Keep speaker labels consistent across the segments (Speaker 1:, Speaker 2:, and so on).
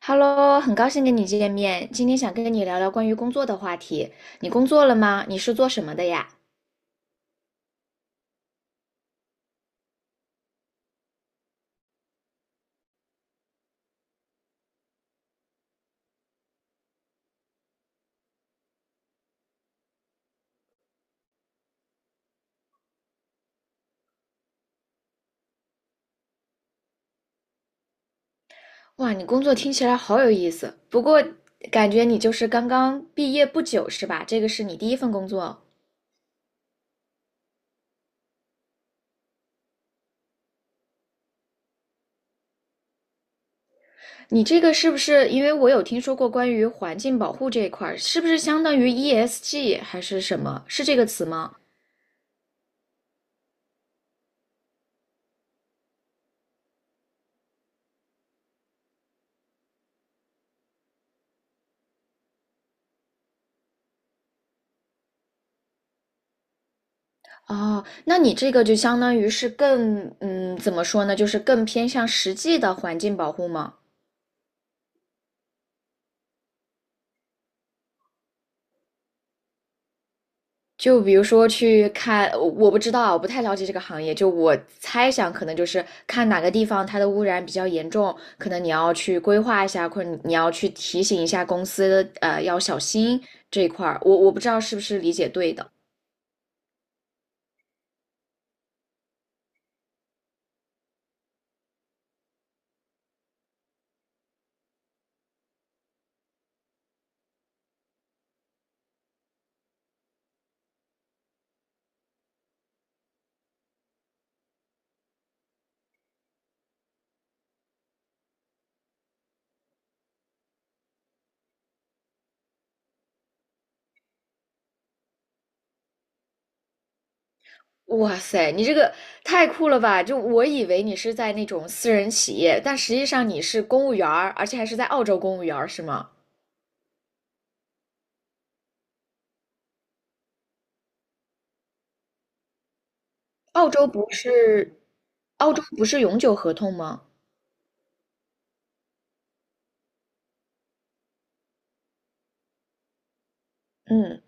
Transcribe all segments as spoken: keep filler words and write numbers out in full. Speaker 1: Hello，很高兴跟你见面。今天想跟你聊聊关于工作的话题。你工作了吗？你是做什么的呀？哇，你工作听起来好有意思。不过感觉你就是刚刚毕业不久是吧？这个是你第一份工作。你这个是不是因为我有听说过关于环境保护这一块儿，是不是相当于 E S G 还是什么？是这个词吗？哦，那你这个就相当于是更，嗯，怎么说呢？就是更偏向实际的环境保护吗？就比如说去看，我我不知道啊我不太了解这个行业。就我猜想，可能就是看哪个地方它的污染比较严重，可能你要去规划一下，或者你你要去提醒一下公司，呃，要小心这一块儿。我我不知道是不是理解对的。哇塞，你这个太酷了吧！就我以为你是在那种私人企业，但实际上你是公务员儿，而且还是在澳洲公务员儿，是吗？澳洲不是，澳洲不是永久合同吗？嗯。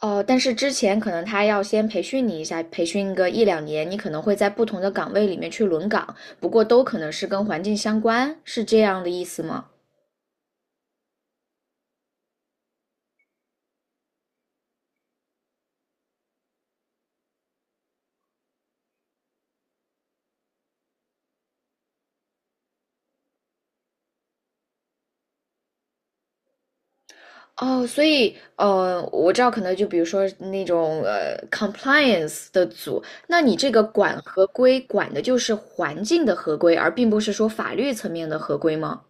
Speaker 1: 哦，但是之前可能他要先培训你一下，培训个一两年，你可能会在不同的岗位里面去轮岗，不过都可能是跟环境相关，是这样的意思吗？哦，所以，呃，我知道，可能就比如说那种呃，compliance 的组，那你这个管合规管的就是环境的合规，而并不是说法律层面的合规吗？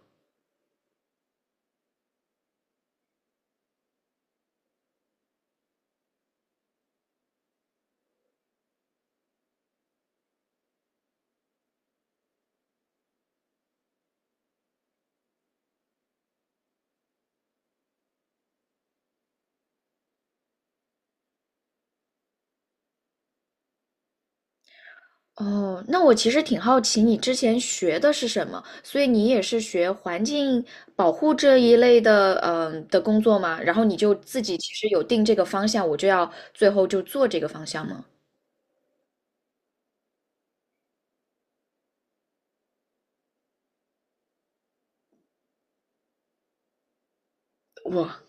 Speaker 1: 哦，那我其实挺好奇你之前学的是什么，所以你也是学环境保护这一类的，嗯、的工作吗？然后你就自己其实有定这个方向，我就要最后就做这个方向吗？哇，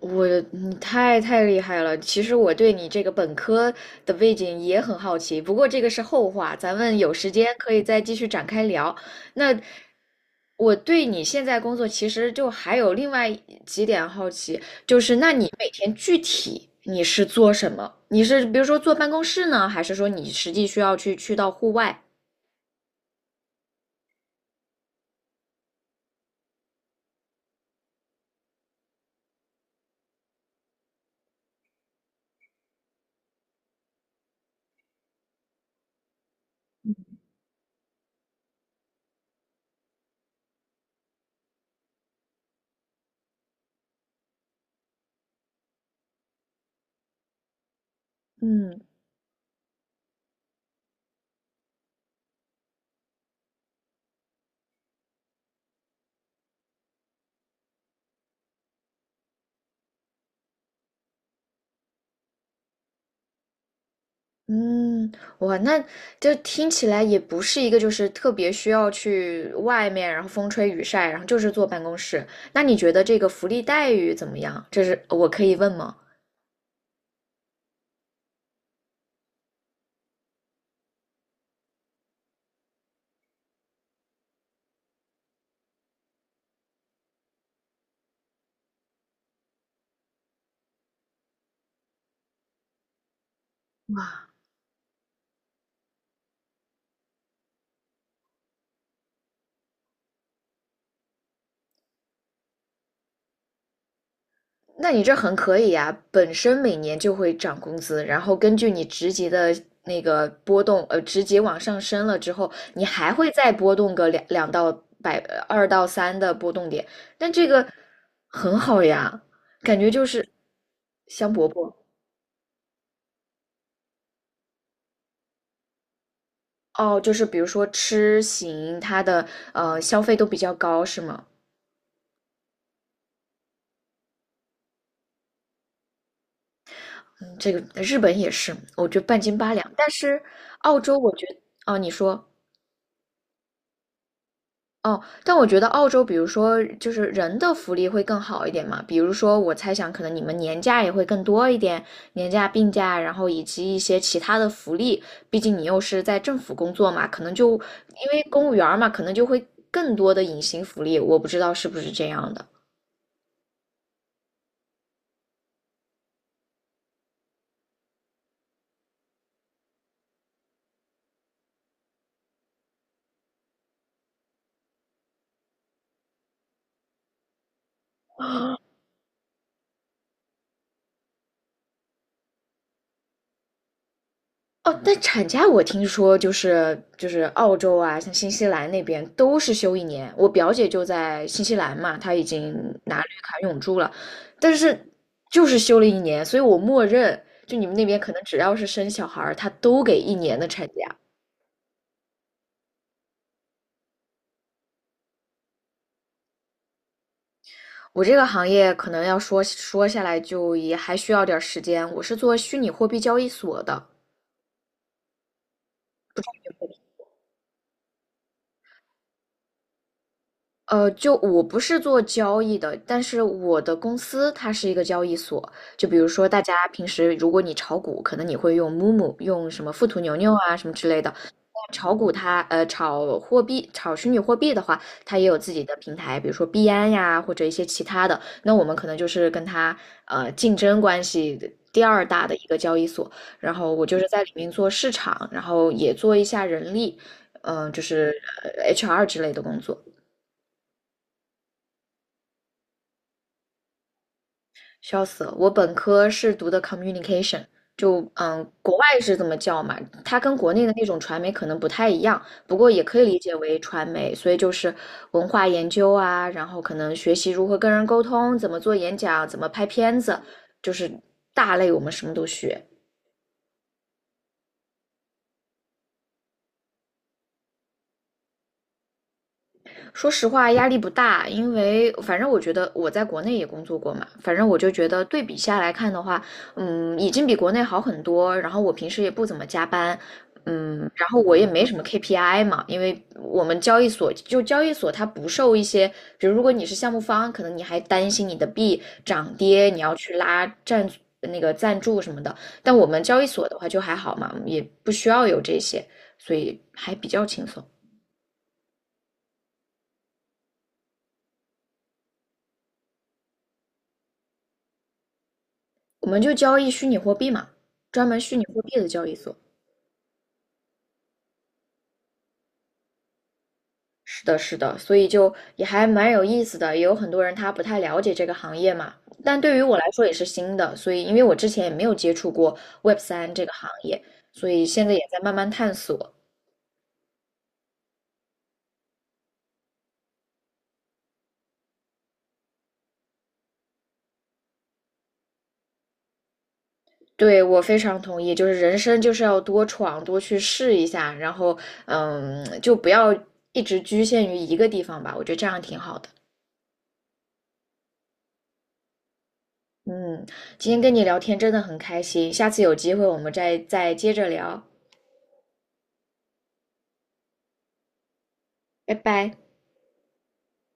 Speaker 1: 我你太太厉害了！其实我对你这个本科的背景也很好奇，不过这个是后话，咱们有时间可以再继续展开聊。那我对你现在工作其实就还有另外几点好奇，就是那你每天具体你是做什么？你是比如说坐办公室呢，还是说你实际需要去去到户外？嗯。嗯，哇，那这听起来也不是一个就是特别需要去外面，然后风吹雨晒，然后就是坐办公室。那你觉得这个福利待遇怎么样？这是我可以问吗？哇。那你这很可以呀，本身每年就会涨工资，然后根据你职级的那个波动，呃，职级往上升了之后，你还会再波动个两两到百二到三的波动点，但这个很好呀，感觉就是香饽饽。哦，就是比如说吃行，它的呃消费都比较高，是吗？嗯，这个日本也是，我觉得半斤八两，但是澳洲我觉得哦，你说。哦，但我觉得澳洲，比如说就是人的福利会更好一点嘛，比如说我猜想可能你们年假也会更多一点，年假、病假，然后以及一些其他的福利，毕竟你又是在政府工作嘛，可能就因为公务员儿嘛，可能就会更多的隐形福利，我不知道是不是这样的。哦，但产假我听说就是就是澳洲啊，像新西兰那边都是休一年。我表姐就在新西兰嘛，她已经拿绿卡永住了，但是就是休了一年，所以我默认就你们那边可能只要是生小孩儿，他都给一年的产假。我这个行业可能要说说下来就也还需要点儿时间。我是做虚拟货币交易所的，呃，就我不是做交易的，但是我的公司它是一个交易所。就比如说，大家平时如果你炒股，可能你会用 m o m o 用什么富途牛牛啊什么之类的。但炒股它呃炒货币、炒虚拟货币的话，它也有自己的平台，比如说币安呀或者一些其他的。那我们可能就是跟它呃竞争关系第二大的一个交易所。然后我就是在里面做市场，然后也做一下人力，嗯、就是呃 H R 之类的工作。笑死了！我本科是读的 communication，就嗯，国外是这么叫嘛，它跟国内的那种传媒可能不太一样，不过也可以理解为传媒，所以就是文化研究啊，然后可能学习如何跟人沟通，怎么做演讲，怎么拍片子，就是大类我们什么都学。说实话，压力不大，因为反正我觉得我在国内也工作过嘛，反正我就觉得对比下来看的话，嗯，已经比国内好很多。然后我平时也不怎么加班，嗯，然后我也没什么 K P I 嘛，因为我们交易所就交易所它不受一些，比如如果你是项目方，可能你还担心你的币涨跌，你要去拉赞那个赞助什么的。但我们交易所的话就还好嘛，也不需要有这些，所以还比较轻松。我们就交易虚拟货币嘛，专门虚拟货币的交易所。是的，是的，所以就也还蛮有意思的，也有很多人他不太了解这个行业嘛，但对于我来说也是新的，所以因为我之前也没有接触过 Web 三这个行业，所以现在也在慢慢探索。对，我非常同意，就是人生就是要多闯，多去试一下，然后嗯，就不要一直局限于一个地方吧，我觉得这样挺好的。嗯，今天跟你聊天真的很开心，下次有机会我们再再接着聊，拜拜。